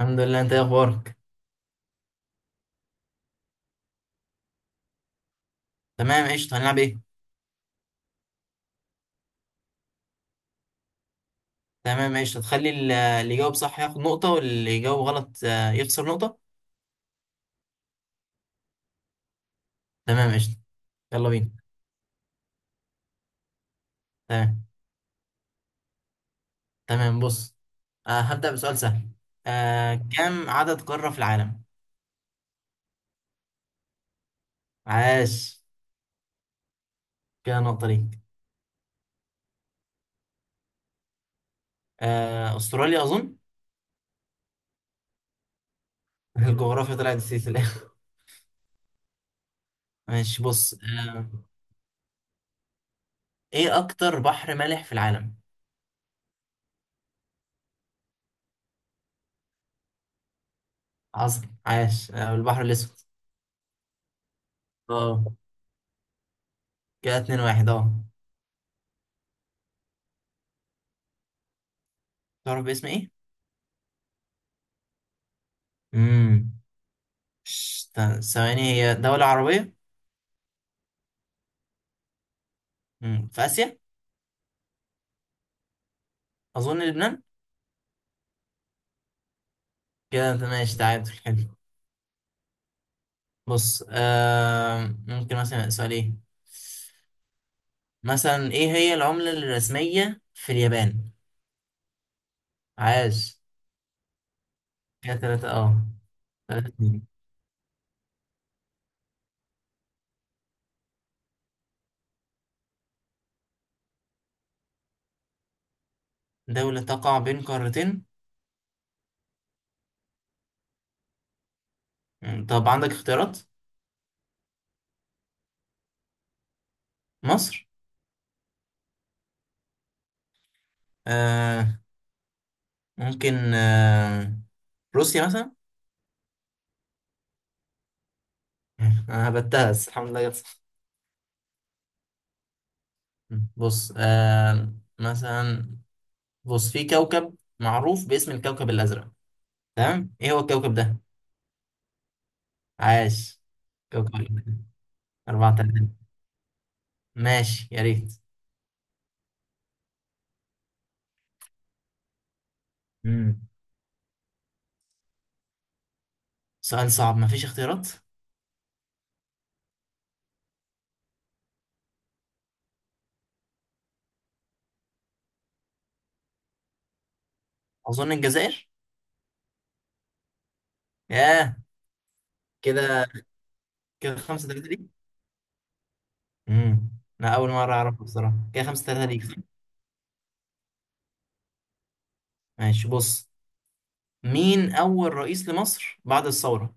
الحمد لله، انت ايه اخبارك؟ تمام، قشطة. هنلعب ايه؟ تمام، قشطة. تخلي اللي يجاوب صح ياخد نقطة، واللي يجاوب غلط يخسر نقطة. تمام، قشطة. يلا بينا. تمام. تمام، بص، هبدأ بسؤال سهل. كم عدد قارة في العالم؟ عاش. كده نقطة ليك. استراليا اظن. الجغرافيا طلعت نسيت في الاخر. ماشي، بص. ايه اكتر بحر مالح في العالم؟ عظم، عاش. البحر الاسود. اه، كده 2-1، اه. تعرف باسم ايه؟ امم. ثواني، هي دولة عربية؟ في آسيا. أظن لبنان. كده أنت ماشي. تعادل حلو. بص، ممكن مثلا سؤال إيه. مثلا، إيه هي العملة الرسمية في اليابان؟ عاش. كده تلاتة، أه. 3-2. دولة تقع بين قارتين؟ طب عندك اختيارات؟ مصر. آه ممكن، روسيا مثلا. أنا هبتها بس الحمد لله جت صح. بص، مثلا. بص، في كوكب معروف باسم الكوكب الأزرق، تمام، إيه هو الكوكب ده؟ عاش. كوكب الأرض. 4-3. ماشي، يا ريت. امم. سؤال صعب، مفيش اختيارات؟ أظن الجزائر. ياه. كده. كده خمسة تلاتة ليك. امم. أنا أول مرة أعرفه بصراحة. كده 5-3 ليك، صح؟ ماشي، بص. مين أول رئيس لمصر بعد الثورة؟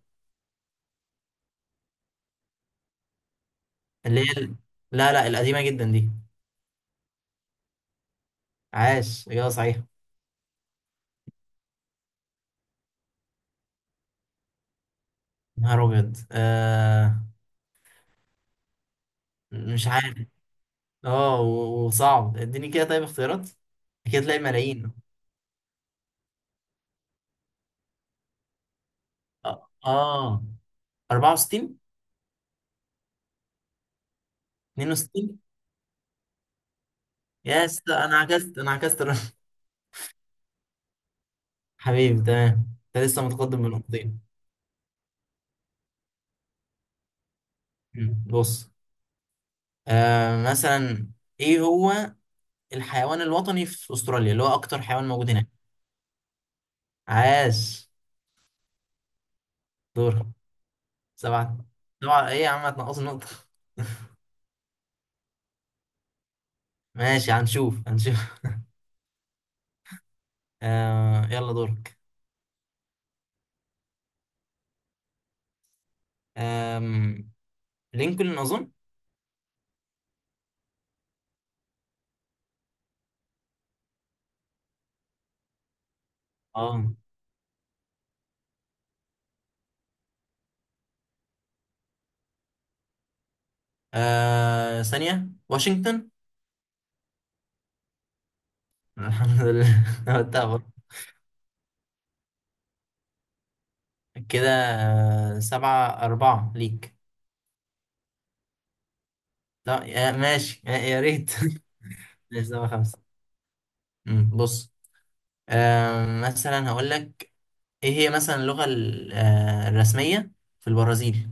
اللي هي ال... لا، لا، القديمة جدا دي. عاش، إجابة صحيحة. نهار أبيض. مش عارف. اه، و- وصعب، اديني كده، طيب، اختيارات. كده تلاقي ملايين. اه، آه. 64، 62. يا اسطى، انا عكست الرقم. حبيبي، تمام. انت لسه متقدم بنقطتين. بص، مثلا. ايه هو الحيوان الوطني في استراليا، اللي هو اكتر حيوان موجود هناك؟ عاش. دور. سبعة. سبعة ايه يا عم؟ هتنقص النقطة؟ ماشي، هنشوف هنشوف. يلا، دورك. آم... لينكولن اظن. اه، ثانية، واشنطن. الحمد لله، قلتها برضه. كده، 7-4 ليك. لا، ماشي، يا ريت. ماشي، 7-5. بص، مثلا هقول لك، إيه هي مثلا اللغة الرسمية في البرازيل؟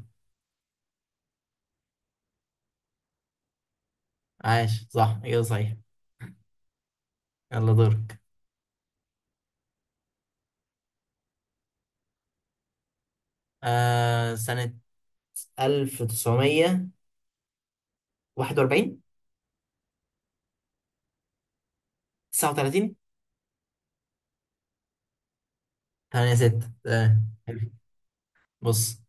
عاش، صح، إجابة صحيح. يلا، دورك. سنة 1941. 39. 8-6، تمام، حلو. بص،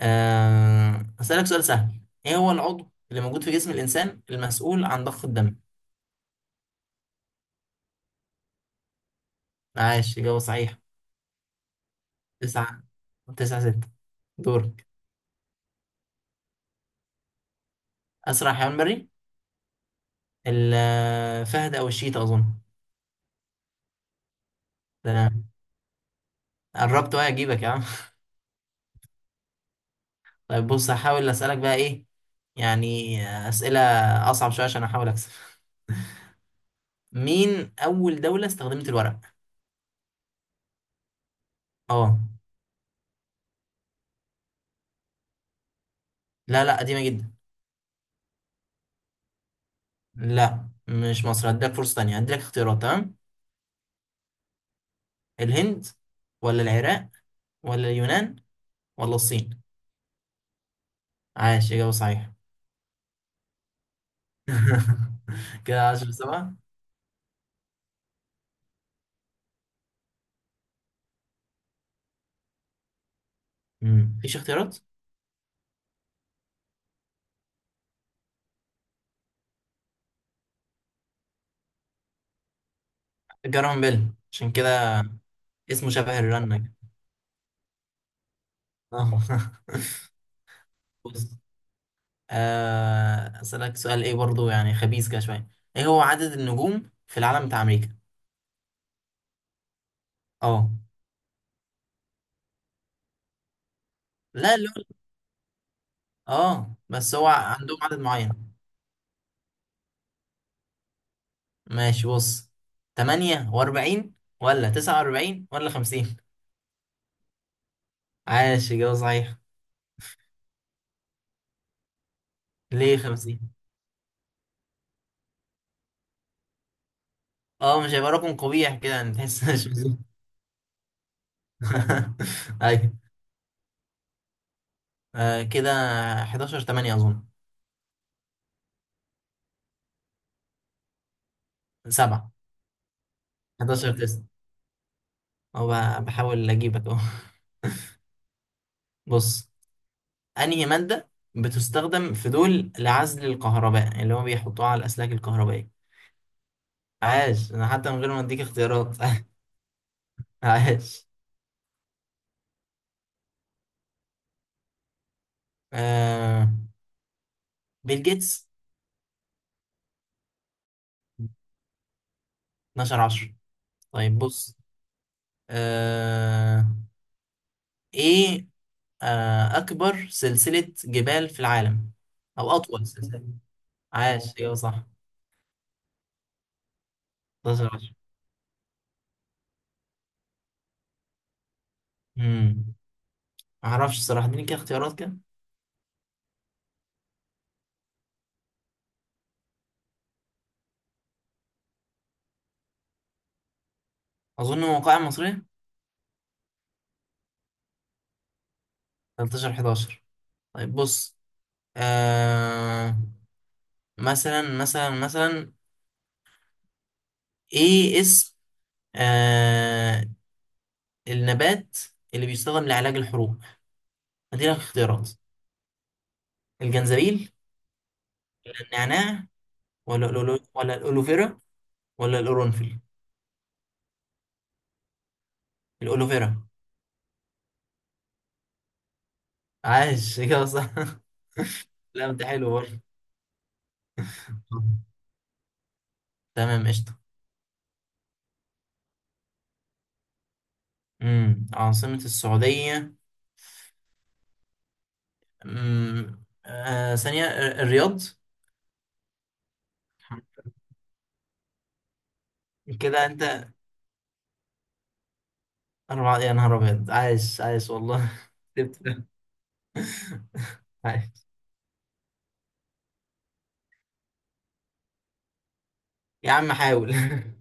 أسألك سؤال سهل. إيه هو العضو اللي موجود في جسم الإنسان المسؤول عن ضخ الدم؟ عاش، إجابة صحيحة. تسعة، تسعة ستة. دورك. أسرع حيوان بري؟ الفهد أو الشيتا أظن. ده أنا قربت وهي أجيبك يا عم. طيب، بص، هحاول أسألك بقى إيه، يعني، أسئلة أصعب شوية عشان أحاول أكسب. مين أول دولة استخدمت الورق؟ أه. لا، لا، قديمة جدا. لا، مش مصر. هديلك فرصة تانية، هديلك اختيارات، تمام؟ الهند، ولا العراق، ولا اليونان، ولا الصين؟ عاش، إجابة صحيحة. كده 10-7. مفيش اختيارات. جارون بيل، عشان كده. اسمه شبه الرنة كده. آه. بص، أسألك سؤال إيه برضو، يعني خبيث كده شوية. إيه هو عدد النجوم في العالم بتاع أمريكا؟ أه. لا، اللي هو، أه، بس هو عندهم عدد معين. ماشي، بص، 48، ولا 49، ولا 50؟ عاش، إجابة صحيحة. ليه 50؟ أه، مش هيبقى رقم قبيح كده يعني، تحس مش. ايوه. كده 11 8 اظن. 7. 11 9. هو بحاول اجيبك اهو. بص، انهي مادة بتستخدم في دول لعزل الكهرباء، اللي هو بيحطوها على الاسلاك الكهربائية؟ عاش. انا حتى من غير ما اديك اختيارات. عاش. آه بيل جيتس. 12 10. طيب، بص، آه ايه، اكبر سلسلة جبال في العالم، او اطول سلسلة؟ عاش، ايوه، صح. 12. امم. ما اعرفش الصراحه، اديني كده اختيارات كده. اظن موقعي مصرية. 13 11. طيب، بص، آه مثلا، ايه اسم آه النبات اللي بيستخدم لعلاج الحروق؟ اديلك اختيارات. الجنزبيل، النعناع، ولا ولا الألوفيرا، ولا القرنفل؟ الألوفيرا. عاش، كده صح. لا، انت حلو برضه. تمام، قشطة. عاصمة السعودية. ثانية. الرياض. كده انت 4، يا نهار ابيض، عايش عايش والله. سبت ده. عايش. يا عم، حاول.